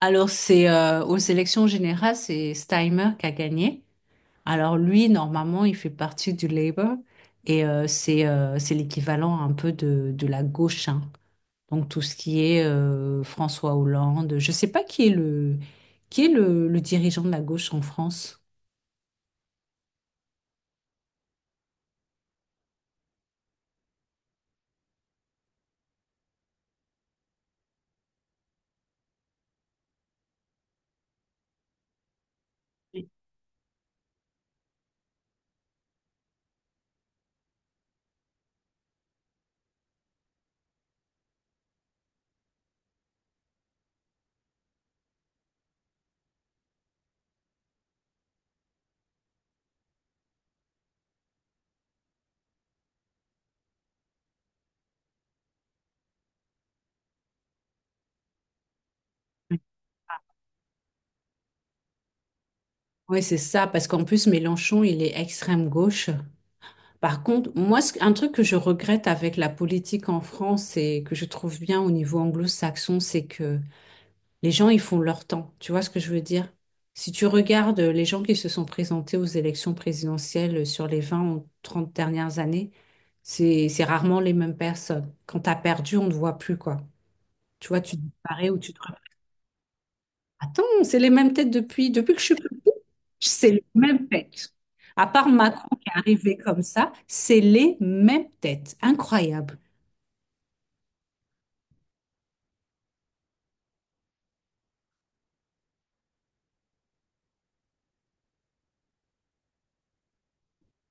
Alors, c'est aux élections générales, c'est Steimer qui a gagné. Alors, lui, normalement, il fait partie du Labour et c'est l'équivalent un peu de la gauche, hein. Donc, tout ce qui est François Hollande. Je sais pas qui est qui est le dirigeant de la gauche en France. Oui, c'est ça, parce qu'en plus, Mélenchon, il est extrême gauche. Par contre, moi, un truc que je regrette avec la politique en France et que je trouve bien au niveau anglo-saxon, c'est que les gens, ils font leur temps. Tu vois ce que je veux dire? Si tu regardes les gens qui se sont présentés aux élections présidentielles sur les 20 ou 30 dernières années, c'est rarement les mêmes personnes. Quand tu as perdu, on ne te voit plus, quoi. Tu vois, tu disparais ou tu te reprends. Attends, c'est les mêmes têtes depuis que je suis petite. C'est les mêmes têtes. À part Macron qui est arrivé comme ça, c'est les mêmes têtes. Incroyable.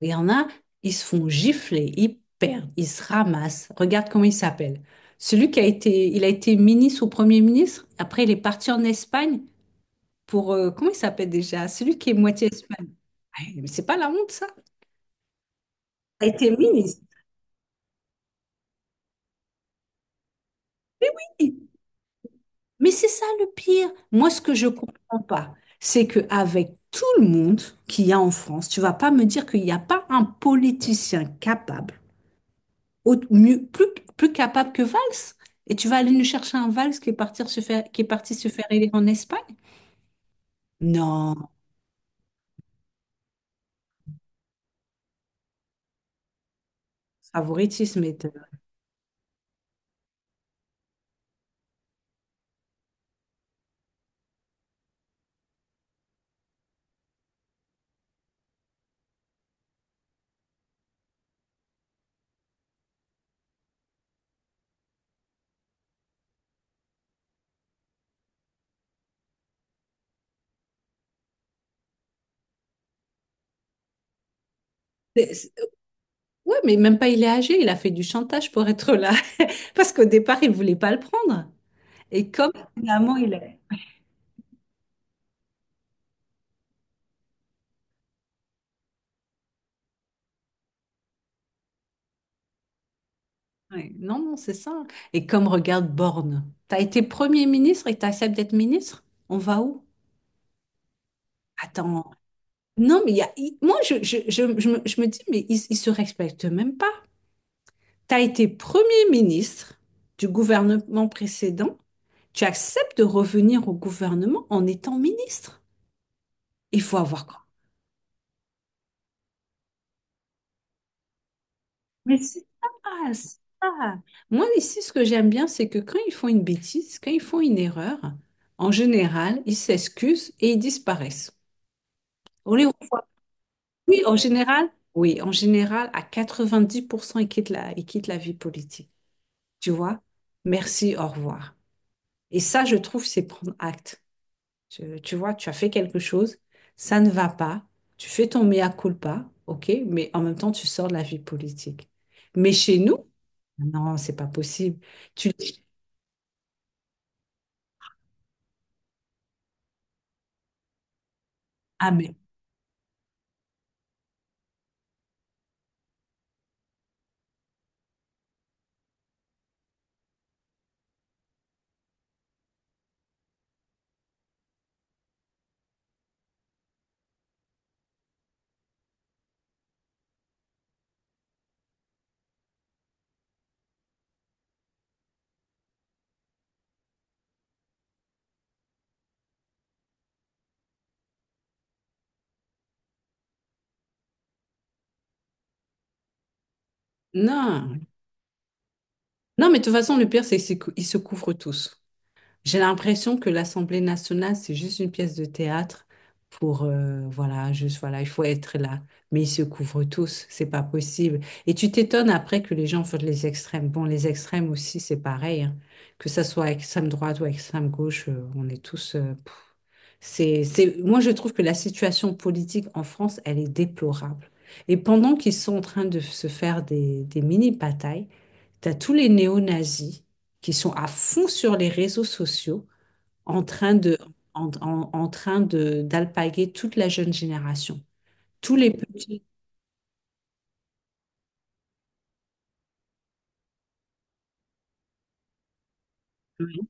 Il y en a, ils se font gifler, ils perdent, ils se ramassent. Regarde comment il s'appelle. Celui qui a été, il a été ministre ou premier ministre. Après, il est parti en Espagne pour, comment il s'appelle déjà? Celui qui est moitié espagnol. Ouais, mais c'est pas la honte, ça. Il a été ministre. Mais c'est ça le pire. Moi, ce que je comprends pas, c'est que avec tout le monde qu'il y a en France, tu vas pas me dire qu'il n'y a pas un politicien capable mieux, plus, plus capable que Valls. Et tu vas aller nous chercher un Valls qui est parti se faire, qui est parti se faire élire en Espagne? Non, favoritisme est... c'est- c'est- Ouais, mais même pas il est âgé, il a fait du chantage pour être là. Parce qu'au départ, il voulait pas le prendre. Et comme finalement, il est... Ouais, non, non, c'est ça. Et comme regarde Borne, t'as été Premier ministre et t'acceptes d'être ministre? On va où? Attends. Non, mais il y a, moi, je me dis, mais ils ne se respectent même pas. Tu as été Premier ministre du gouvernement précédent, tu acceptes de revenir au gouvernement en étant ministre. Il faut avoir quoi? Mais c'est ça, c'est ça. Moi, ici, ce que j'aime bien, c'est que quand ils font une bêtise, quand ils font une erreur, en général, ils s'excusent et ils disparaissent. On les revoit. Oui, en général, à 90%, ils quittent ils quittent la vie politique. Tu vois, merci, au revoir. Et ça, je trouve, c'est prendre acte. Tu vois, tu as fait quelque chose, ça ne va pas, tu fais ton mea culpa, ok, mais en même temps, tu sors de la vie politique. Mais chez nous, non, c'est pas possible. Tu dis, ah mais non, non, mais de toute façon, le pire, c'est qu'ils se couvrent tous. J'ai l'impression que l'Assemblée nationale, c'est juste une pièce de théâtre pour, voilà, juste, voilà, il faut être là. Mais ils se couvrent tous, c'est pas possible. Et tu t'étonnes après que les gens votent les extrêmes. Bon, les extrêmes aussi, c'est pareil, hein. Que ça soit extrême droite ou extrême gauche, on est tous, pff. Moi, je trouve que la situation politique en France, elle est déplorable. Et pendant qu'ils sont en train de se faire des mini-batailles, t'as tous les néo-nazis qui sont à fond sur les réseaux sociaux en train de, en train de, d'alpaguer toute la jeune génération. Tous les petits. Oui,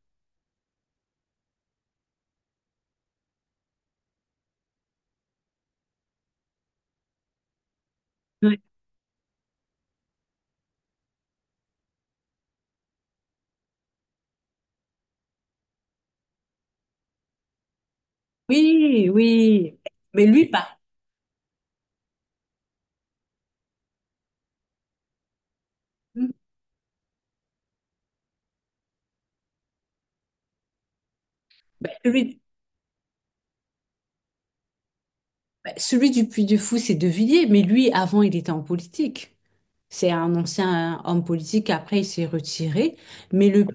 oui, oui, oui. Mais lui, pas. Ben, lui- ben, celui du Puy du Fou, c'est De Villiers, mais lui, avant, il était en politique. C'est un ancien homme politique, après, il s'est retiré. Mais le,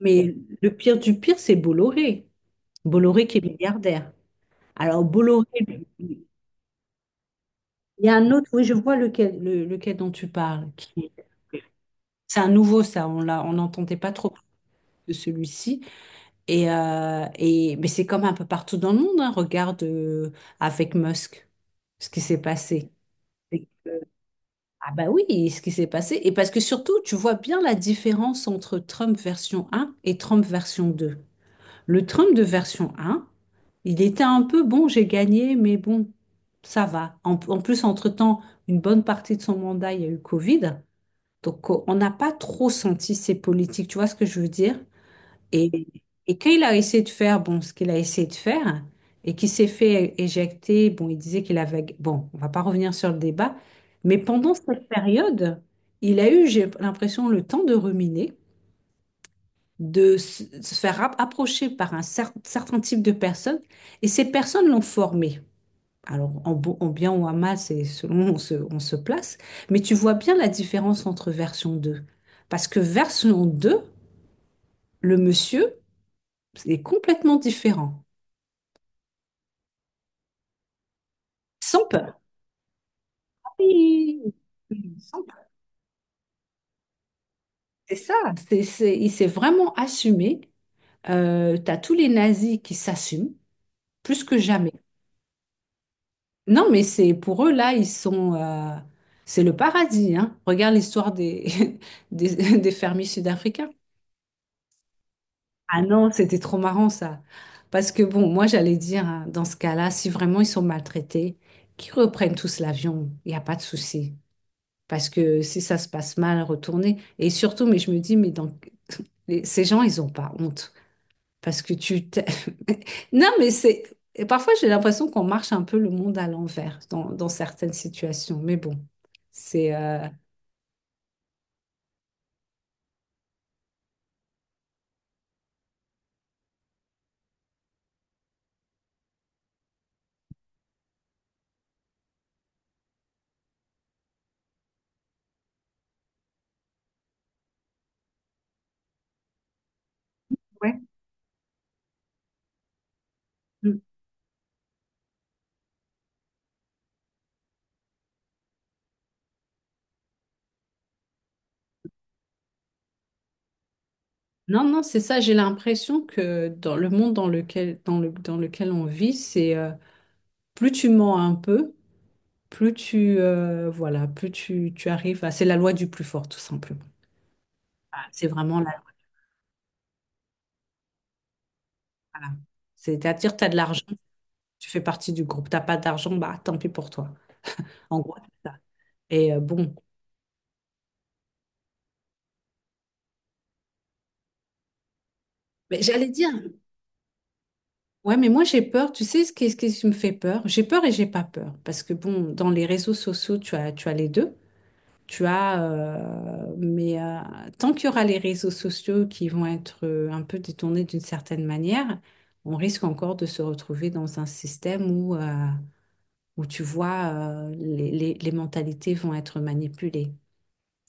mais le pire du pire, c'est Bolloré. Bolloré qui est milliardaire. Alors, Bolloré, il y a un autre, oui, je vois lequel, lequel dont tu parles, c'est un nouveau, ça, on l'a, on n'entendait pas trop de celui-ci. Et, mais c'est comme un peu partout dans le monde, hein. Regarde avec Musk ce qui s'est passé. Et- Ah bah oui, ce qui s'est passé. Et parce que surtout, tu vois bien la différence entre Trump version un et Trump version deux. Le Trump de version 1, il était un peu bon, j'ai gagné, mais bon, ça va. En plus, entre-temps, une bonne partie de son mandat, il y a eu Covid. Donc, on n'a pas trop senti ses politiques, tu vois ce que je veux dire? Et, et quand il a essayé de faire, bon, ce qu'il a essayé de faire, et qu'il s'est fait éjecter, bon, il disait qu'il avait... Bon, on va pas revenir sur le débat, mais pendant cette période, il a eu, j'ai l'impression, le temps de ruminer de se faire approcher par un certain type de personnes, et ces personnes l'ont formé. Alors, en, en bien ou en mal, c'est selon où on on se place, mais tu vois bien la différence entre version deux. Parce que version 2 le monsieur est complètement différent, sans peur. Oui, sans peur. C'est ça, il s'est vraiment assumé. Tu as tous les nazis qui s'assument, plus que jamais. Non, mais c'est pour eux, là, ils sont, c'est le paradis, hein. Regarde l'histoire des, des fermiers sud-africains. Ah non, c'était trop marrant, ça. Parce que, bon, moi, j'allais dire, hein, dans ce cas-là, si vraiment ils sont maltraités, qu'ils reprennent tous l'avion. Il n'y a pas de souci. Parce que si ça se passe mal, retourner. Et surtout, mais je me dis, mais donc, ces gens, ils n'ont pas honte. Parce que tu... non, mais c'est... Et parfois, j'ai l'impression qu'on marche un peu le monde à l'envers dans certaines situations. Mais bon, c'est... ouais. Mm. Non, non, c'est ça. J'ai l'impression que dans le monde dans dans lequel on vit, c'est plus tu mens un peu, voilà, tu arrives à... C'est la loi du plus fort, tout simplement. Ah, c'est vraiment la... voilà. C'est-à-dire, tu as de l'argent, tu fais partie du groupe. T'as pas d'argent, bah tant pis pour toi. En gros, c'est ça. Et bon, mais j'allais dire, ouais, mais moi j'ai peur. Tu sais ce qui me fait peur? J'ai peur et j'ai pas peur. Parce que bon, dans les réseaux sociaux, tu as les deux. Tu as, tant qu'il y aura les réseaux sociaux qui vont être un peu détournés d'une certaine manière, on risque encore de se retrouver dans un système où tu vois, les mentalités vont être manipulées.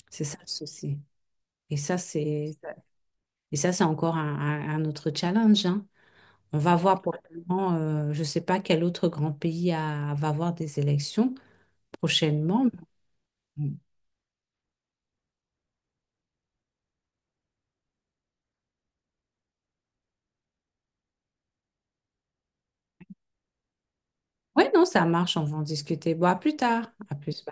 C'est ça le souci. Et ça, c'est, et ça, c'est encore un autre challenge, hein. On va voir probablement, je ne sais pas quel autre grand pays va avoir des élections prochainement. Oui, non, ça marche, on va en discuter. Bon, à plus tard. À plus.